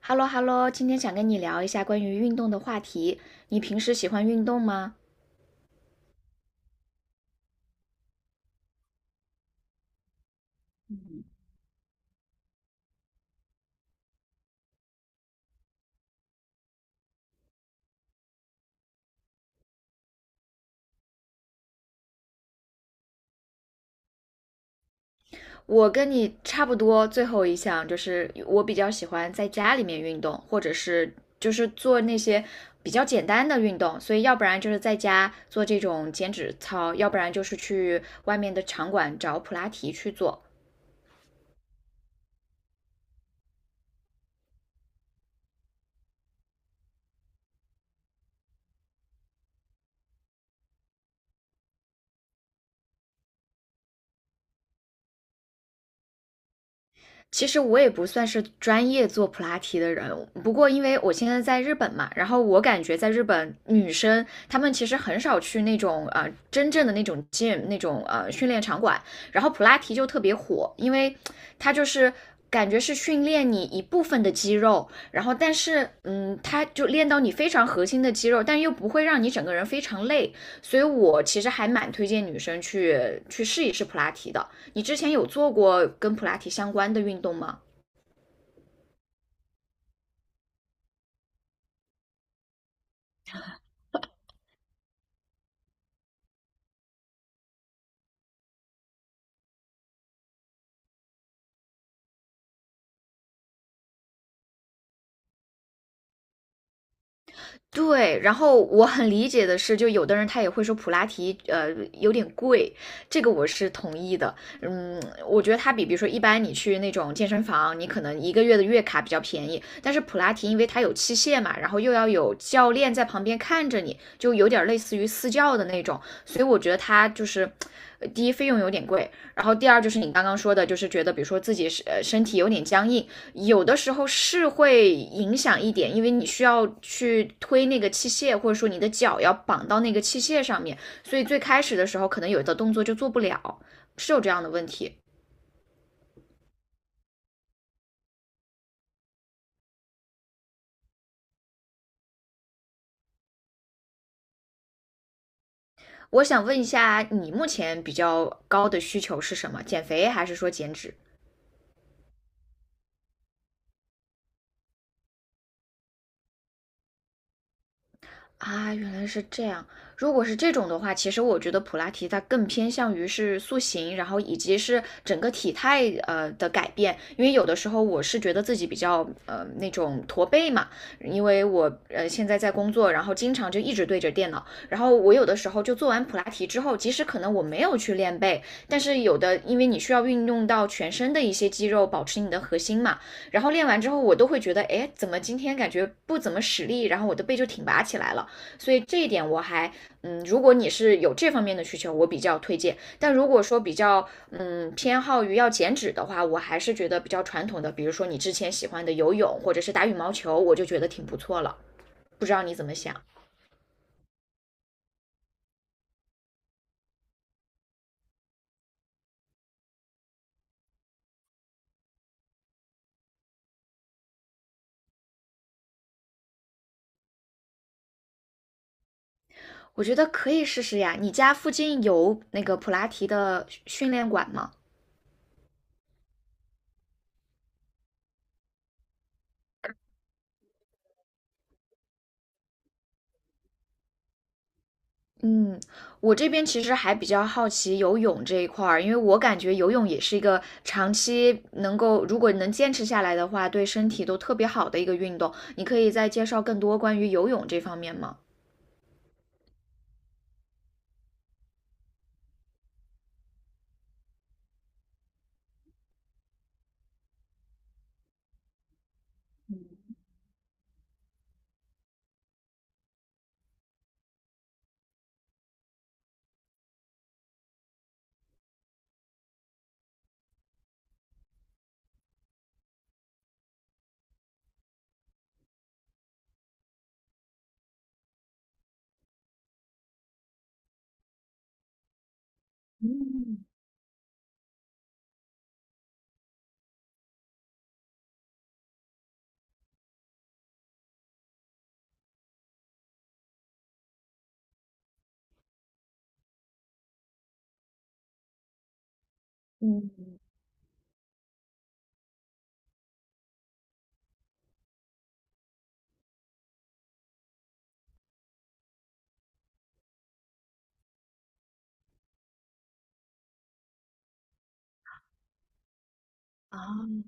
哈喽哈喽，今天想跟你聊一下关于运动的话题。你平时喜欢运动吗？我跟你差不多，最后一项就是我比较喜欢在家里面运动，或者是就是做那些比较简单的运动。所以要不然就是在家做这种减脂操，要不然就是去外面的场馆找普拉提去做。其实我也不算是专业做普拉提的人，不过因为我现在在日本嘛，然后我感觉在日本女生她们其实很少去那种真正的那种 gym 那种训练场馆，然后普拉提就特别火，因为它就是感觉是训练你一部分的肌肉，然后但是它就练到你非常核心的肌肉，但又不会让你整个人非常累，所以我其实还蛮推荐女生去试一试普拉提的。你之前有做过跟普拉提相关的运动吗？对，然后我很理解的是，就有的人他也会说普拉提，有点贵，这个我是同意的。嗯，我觉得它比如说一般你去那种健身房，你可能一个月的月卡比较便宜，但是普拉提因为它有器械嘛，然后又要有教练在旁边看着你，就有点类似于私教的那种，所以我觉得它就是。第一，费用有点贵，然后第二就是你刚刚说的，就是觉得比如说自己是身体有点僵硬，有的时候是会影响一点，因为你需要去推那个器械，或者说你的脚要绑到那个器械上面，所以最开始的时候可能有的动作就做不了，是有这样的问题。我想问一下，你目前比较高的需求是什么？减肥还是说减脂？啊，原来是这样。如果是这种的话，其实我觉得普拉提它更偏向于是塑形，然后以及是整个体态的改变。因为有的时候我是觉得自己比较那种驼背嘛，因为我现在在工作，然后经常就一直对着电脑，然后我有的时候就做完普拉提之后，即使可能我没有去练背，但是有的因为你需要运用到全身的一些肌肉，保持你的核心嘛，然后练完之后我都会觉得，哎，怎么今天感觉不怎么使力，然后我的背就挺拔起来了。所以这一点我还，如果你是有这方面的需求，我比较推荐。但如果说比较，偏好于要减脂的话，我还是觉得比较传统的，比如说你之前喜欢的游泳或者是打羽毛球，我就觉得挺不错了。不知道你怎么想？我觉得可以试试呀。你家附近有那个普拉提的训练馆吗？嗯，我这边其实还比较好奇游泳这一块儿，因为我感觉游泳也是一个长期能够，如果能坚持下来的话，对身体都特别好的一个运动。你可以再介绍更多关于游泳这方面吗？嗯，啊，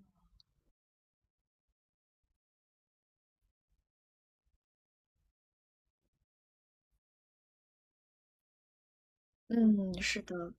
嗯，是的。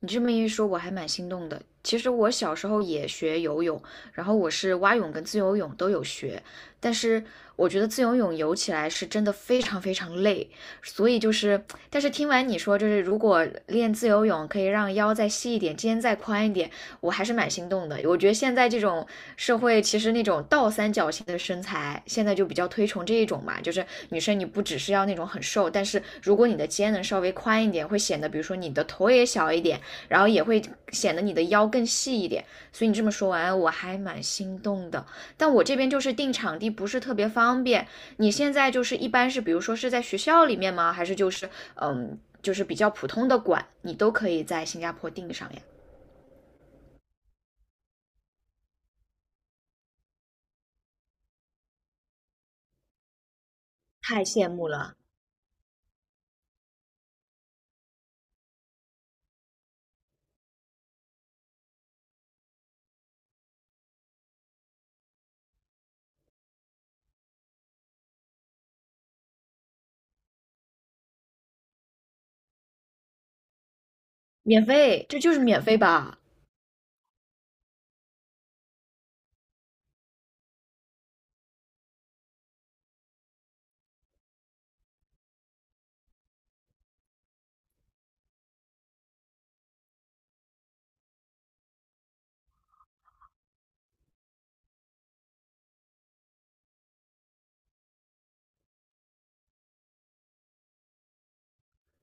你这么一说，我还蛮心动的。其实我小时候也学游泳，然后我是蛙泳跟自由泳都有学，但是我觉得自由泳游起来是真的非常非常累，所以就是，但是听完你说，就是如果练自由泳可以让腰再细一点，肩再宽一点，我还是蛮心动的。我觉得现在这种社会，其实那种倒三角形的身材，现在就比较推崇这一种嘛，就是女生你不只是要那种很瘦，但是如果你的肩能稍微宽一点，会显得比如说你的头也小一点。然后也会显得你的腰更细一点。所以你这么说完，我还蛮心动的。但我这边就是定场地不是特别方便。你现在就是一般是，比如说是在学校里面吗？还是就是就是比较普通的馆，你都可以在新加坡订上呀？太羡慕了，免费，这就是免费吧？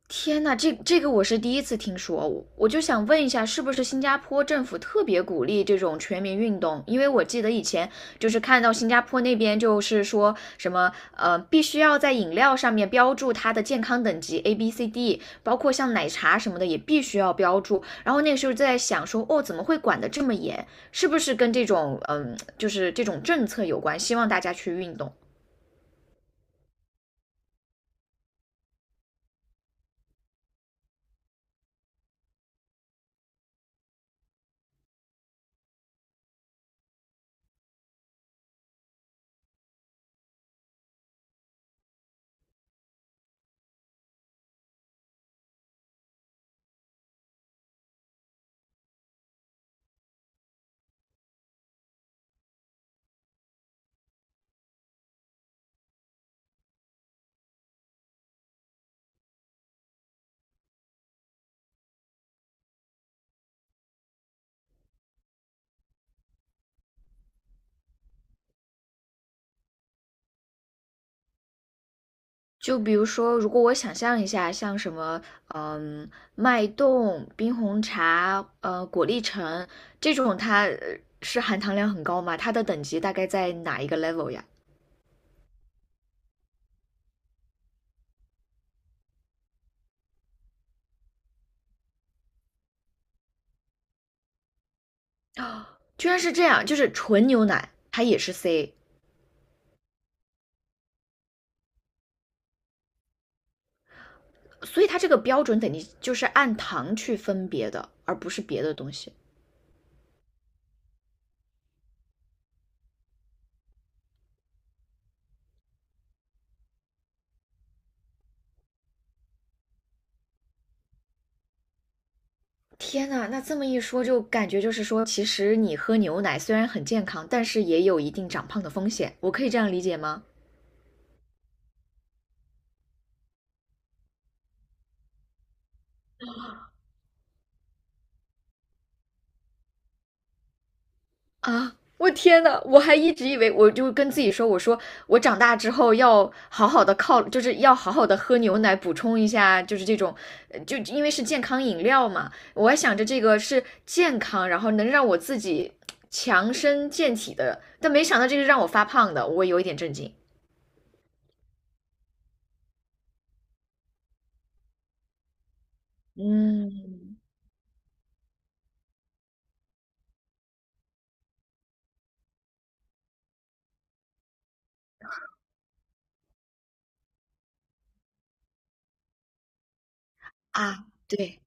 天呐，这个我是第一次听说，我就想问一下，是不是新加坡政府特别鼓励这种全民运动？因为我记得以前就是看到新加坡那边就是说什么，必须要在饮料上面标注它的健康等级 A、B、C、D，包括像奶茶什么的也必须要标注。然后那个时候在想说，哦，怎么会管得这么严？是不是跟这种就是这种政策有关？希望大家去运动。就比如说，如果我想象一下，像什么，嗯，脉动、冰红茶、果粒橙这种，它是含糖量很高吗？它的等级大概在哪一个 level 呀？居然是这样，就是纯牛奶它也是 C，所以它这个标准等级就是按糖去分别的，而不是别的东西。天呐，那这么一说，就感觉就是说，其实你喝牛奶虽然很健康，但是也有一定长胖的风险。我可以这样理解吗？啊！我天呐，我还一直以为，我就跟自己说，我说我长大之后要好好的靠，就是要好好的喝牛奶，补充一下，就是这种，就因为是健康饮料嘛，我还想着这个是健康，然后能让我自己强身健体的，但没想到这个让我发胖的，我有一点震惊嗯，啊！对。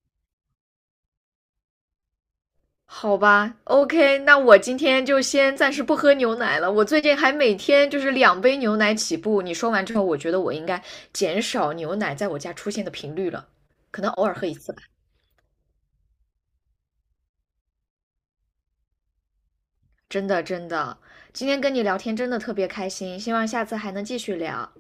好吧，OK，那我今天就先暂时不喝牛奶了。我最近还每天就是两杯牛奶起步。你说完之后，我觉得我应该减少牛奶在我家出现的频率了，可能偶尔喝一次吧。真的，真的，今天跟你聊天真的特别开心，希望下次还能继续聊。